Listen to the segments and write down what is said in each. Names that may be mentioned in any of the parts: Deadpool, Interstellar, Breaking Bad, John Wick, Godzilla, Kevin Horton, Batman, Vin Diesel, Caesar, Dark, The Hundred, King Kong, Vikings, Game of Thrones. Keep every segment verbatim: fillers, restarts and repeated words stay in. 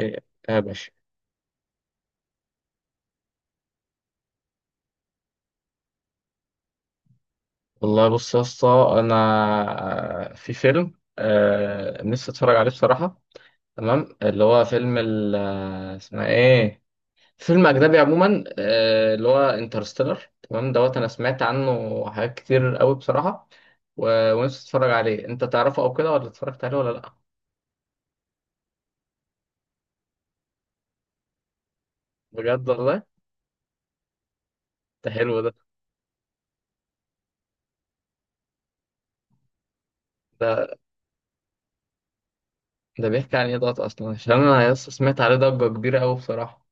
إيه يا باشا. والله بص يا اسطى، انا في فيلم، آه نفسي اتفرج عليه بصراحه. تمام، اللي هو فيلم ال- آه، اسمه ايه، فيلم اجنبي عموما، آه اللي هو انترستيلر تمام دوت. انا سمعت عنه حاجات كتير قوي بصراحه، و- ونفسي اتفرج عليه. انت تعرفه او كده ولا اتفرجت عليه ولا لا؟ بجد والله. ده حلو ده. ده ده بيحكي عن ايه دوت اصلا، عشان انا يا اسطى سمعت عليه ضجه كبيره قوي بصراحه.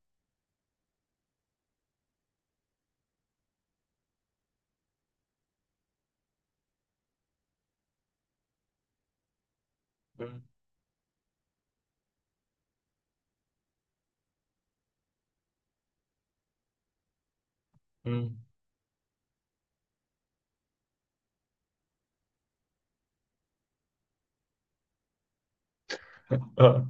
مم. مم. اه.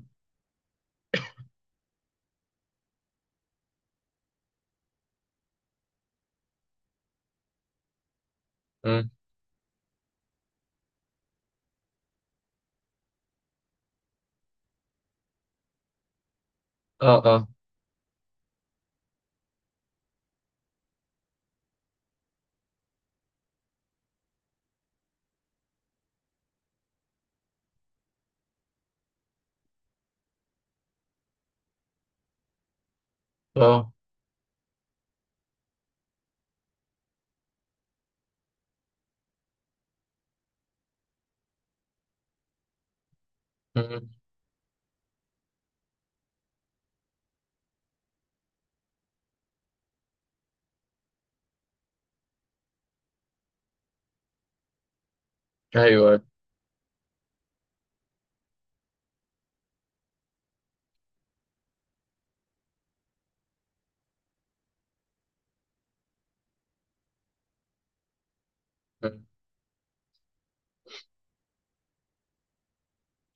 مم. اه اه. مم. ايوه. مم.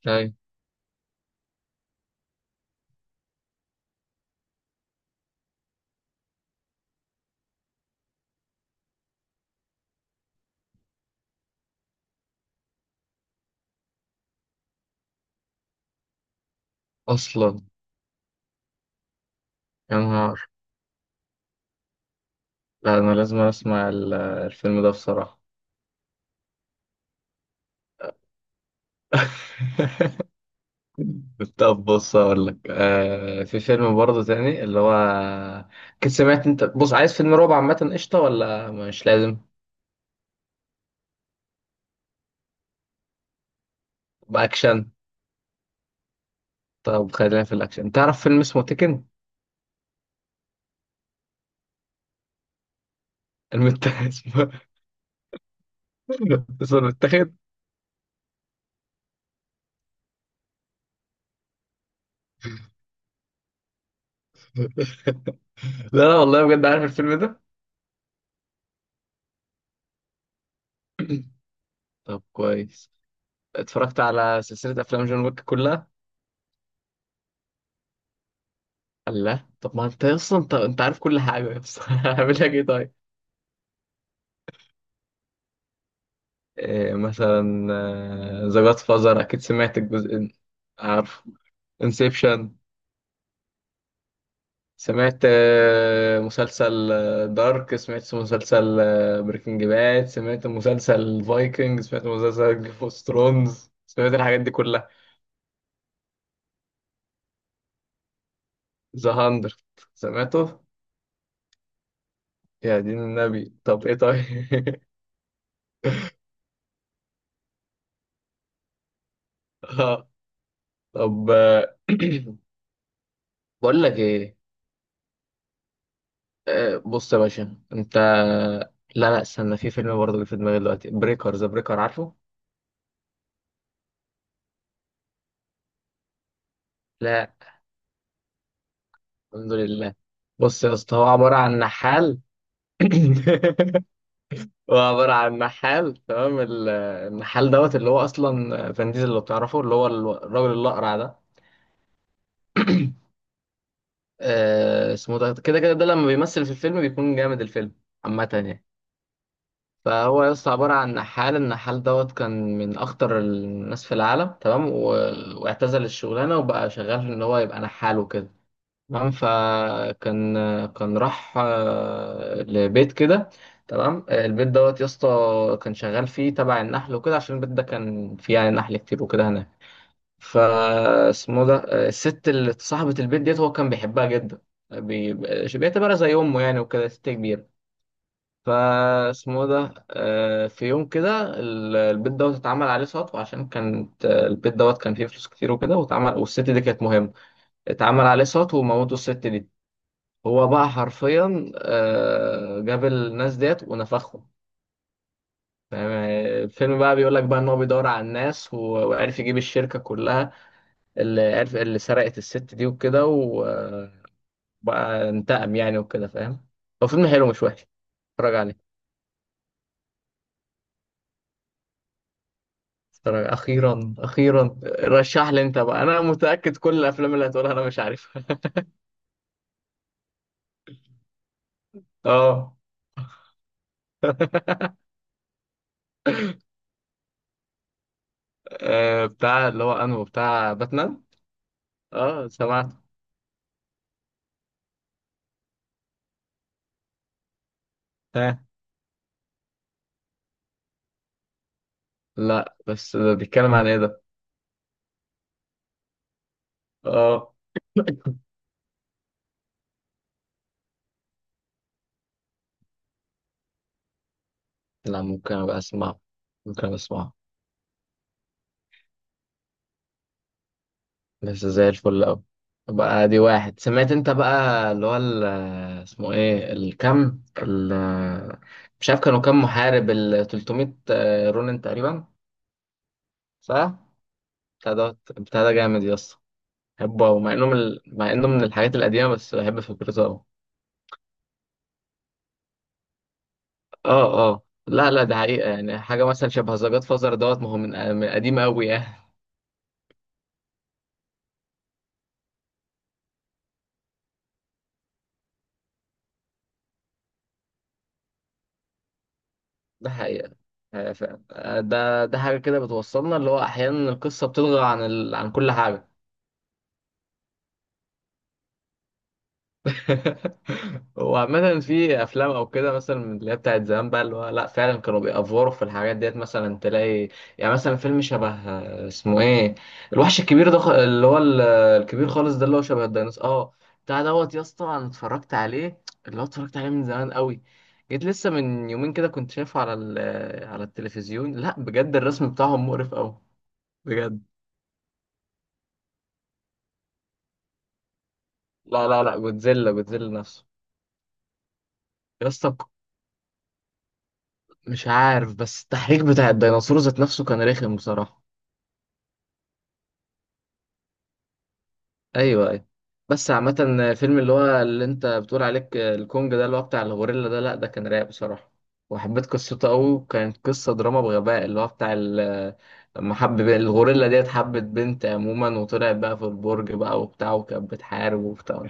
ايوه اصلا. يا نهار. لا انا لازم اسمع ال- آه، الفيلم ده بصراحه. طب بص، اقول لك، آه في فيلم برضه تاني اللي هو، كنت سمعت انت، بص، عايز فيلم رعب عامه قشطه ولا مش لازم؟ باكشن. طب خلينا في الاكشن، تعرف فيلم اسمه تيكن؟ المت... اسمه، اسمه المتاخد. لا لا والله بجد، عارف الفيلم ده. طب كويس. اتفرجت على سلسله افلام جون ويك كلها. الله، طب ما انت اصلا انت, انت عارف كل حاجه بس، هعمل لك ايه طيب؟ إيه مثلا؟ ذا جاد فازر، اكيد سمعت الجزء. عارف. انسبشن. سمعت آه، مسلسل دارك، سمعت مسلسل بريكنج باد، سمعت مسلسل فايكنج، سمعت مسلسل جيم اوف ثرونز، سمعت الحاجات دي كلها. ذا هاندرد. سمعته. يا دين النبي، طب ايه طيب؟ آه، طب، آه، بقول لك ايه، آه، بص يا باشا، انت، لا لا استنى، في فيلم برضه اللي في دماغي دلوقتي، بريكر ذا بريكر، عارفه؟ لا. الحمد لله. بص يا اسطى، هو عباره عن نحال. هو عباره عن نحال تمام. ال- النحال دوت اللي هو اصلا فان ديزل، لو تعرفه، اللي هو الو- الراجل الاقرع ده، آه، اسمه ده كده كده، ده لما بيمثل في الفيلم بيكون جامد الفيلم عامه يعني. فهو يا اسطى عبارة عن نحال. النحال دوت كان من أخطر الناس في العالم تمام و... واعتزل الشغلانة وبقى شغال في إن هو يبقى نحال وكده. تمام، فكان كان راح آه، لبيت كده. تمام، البيت دوت يا اسطى كان شغال فيه تبع النحل وكده، عشان البيت ده كان فيه يعني نحل كتير وكده هناك. فاسمه ده، آه، الست اللي صاحبة البيت ديت هو كان بيحبها جدا، بي... بيعتبرها زي أمه يعني وكده، ست كبيرة. فاسمه ده آه، في يوم كده، ال- البيت دوت اتعمل عليه سطو، عشان كانت، آه، البيت دوت كان فيه فلوس كتير وكده، واتعمل، والست دي كانت مهمة. اتعمل عليه سطو وموتوا الست دي. هو بقى حرفيا، آه، جاب الناس ديت ونفخهم. فاهم؟ الفيلم بقى بيقول لك بقى ان هو بيدور على الناس، و- وعرف يجيب الشركة كلها اللي عرف اللي سرقت الست دي وكده، وبقى انتقم يعني وكده، فاهم؟ هو فيلم حلو مش وحش، اتفرج عليه. ترى اخيرا اخيرا رشح لي انت بقى، انا متاكد كل الافلام اللي هتقولها انا مش عارفها. اه. آه، بتاع اللي هو انه بتاع باتمان. اه سمعت. ها. لا بس ده بيتكلم عن ايه ده؟ اه. لا ممكن ابقى اسمعه، ممكن ابقى اسمعه. بس زي الفل اوي. بقى دي واحد سمعت انت بقى اللي هو ال- اسمه ايه، الكم ال، مش عارف كانوا كام محارب، ال تلتمية، رونن تقريبا؟ صح. بتاع ده، بتاع ده جامد يا اسطى. بحبه أوي، مع انه من ال- مع انه من الحاجات القديمه، بس بحب فكرته أوي. اه اه لا لا، ده حقيقه، يعني حاجه مثلا شبه ذا جاد فازر دوت، ما هو من من قديم قوي يعني. ده حقيقه. آه، فعلا. آه، ده ده حاجه كده بتوصلنا، اللي هو احيانا القصه بتلغى عن ال... عن كل حاجه. وعامة في أفلام أو كده مثلا من اللي هي بتاعت زمان بقى، اللي هو لأ فعلا كانوا بيأفوروا في الحاجات ديت، مثلا تلاقي يعني مثلا فيلم شبه، آه، اسمه إيه، الوحش الكبير ده، خ- اللي هو ال- الكبير خالص ده، اللي هو شبه الديناصور، أه. بتاع دوت يا اسطى أنا اتفرجت عليه، اللي هو اتفرجت عليه من زمان قوي. جيت لسه من يومين كده كنت شايفه على ال- آه، على التلفزيون. لأ بجد الرسم بتاعهم مقرف أوي، بجد. لا لا لا، جودزيلا جودزيلا نفسه. يا اسطى مش عارف، بس التحريك بتاع الديناصور ذات نفسه كان رخم بصراحة. ايوه ايوه. بس عامة، فيلم اللي هو اللي انت بتقول عليك الكونج ده، اللي هو بتاع الغوريلا ده، لا ده كان رايق بصراحة، وحبيت قصته قوي، كانت قصة دراما بغباء اللي هو بتاع ال- لما حب الغوريلا ديت، حبت بنت عموما، وطلعت بقى في البرج بقى وبتاع، وكانت بتحارب وبتاع،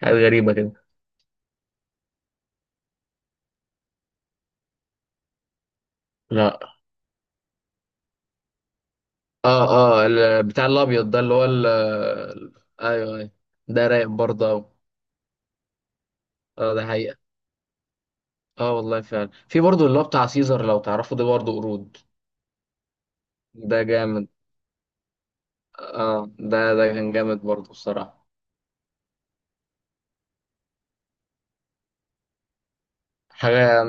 حاجات غريبة كده. لا اه اه، ال- بتاع الابيض ده، اللي هو ال- ايوه ايوه، ده رايق برضه أوي. اه ده حقيقة. اه والله فعلا، في برضه اللي هو بتاع سيزر، لو تعرفوا ده برضه قرود. ده جامد. اه ده ده كان جامد برضه بصراحة. حاجة،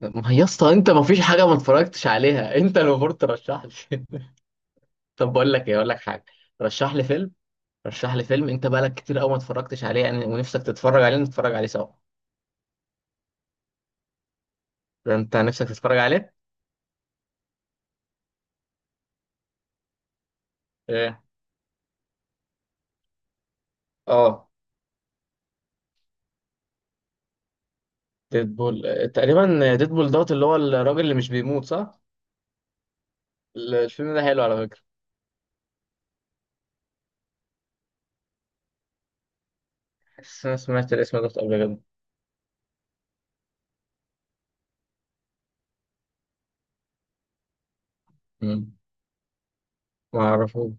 ما هي يا اسطى انت ما فيش حاجة ما اتفرجتش عليها، انت اللي المفروض ترشح لي. طب بقول لك ايه، اقول لك حاجة، رشح لي فيلم، رشح لي فيلم انت بقالك كتير قوي ما اتفرجتش عليه يعني ونفسك تتفرج عليه، نتفرج عليه سوا. ده انت نفسك تتفرج عليه. ايه؟ اه. ديدبول. تقريبا ديدبول دوت، اللي هو الراجل اللي مش بيموت، صح؟ الفيلم ده حلو على فكرة. بس انا سمعت الاسم ده قبل كده. مم. ما اعرفه.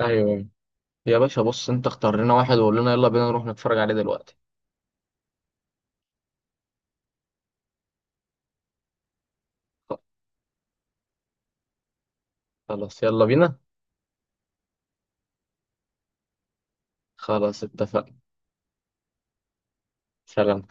ايوه يا باشا، بص انت اختار لنا واحد وقول لنا يلا بينا نروح نتفرج عليه دلوقتي. خلاص يلا بينا. خلاص اتفقنا. سلام.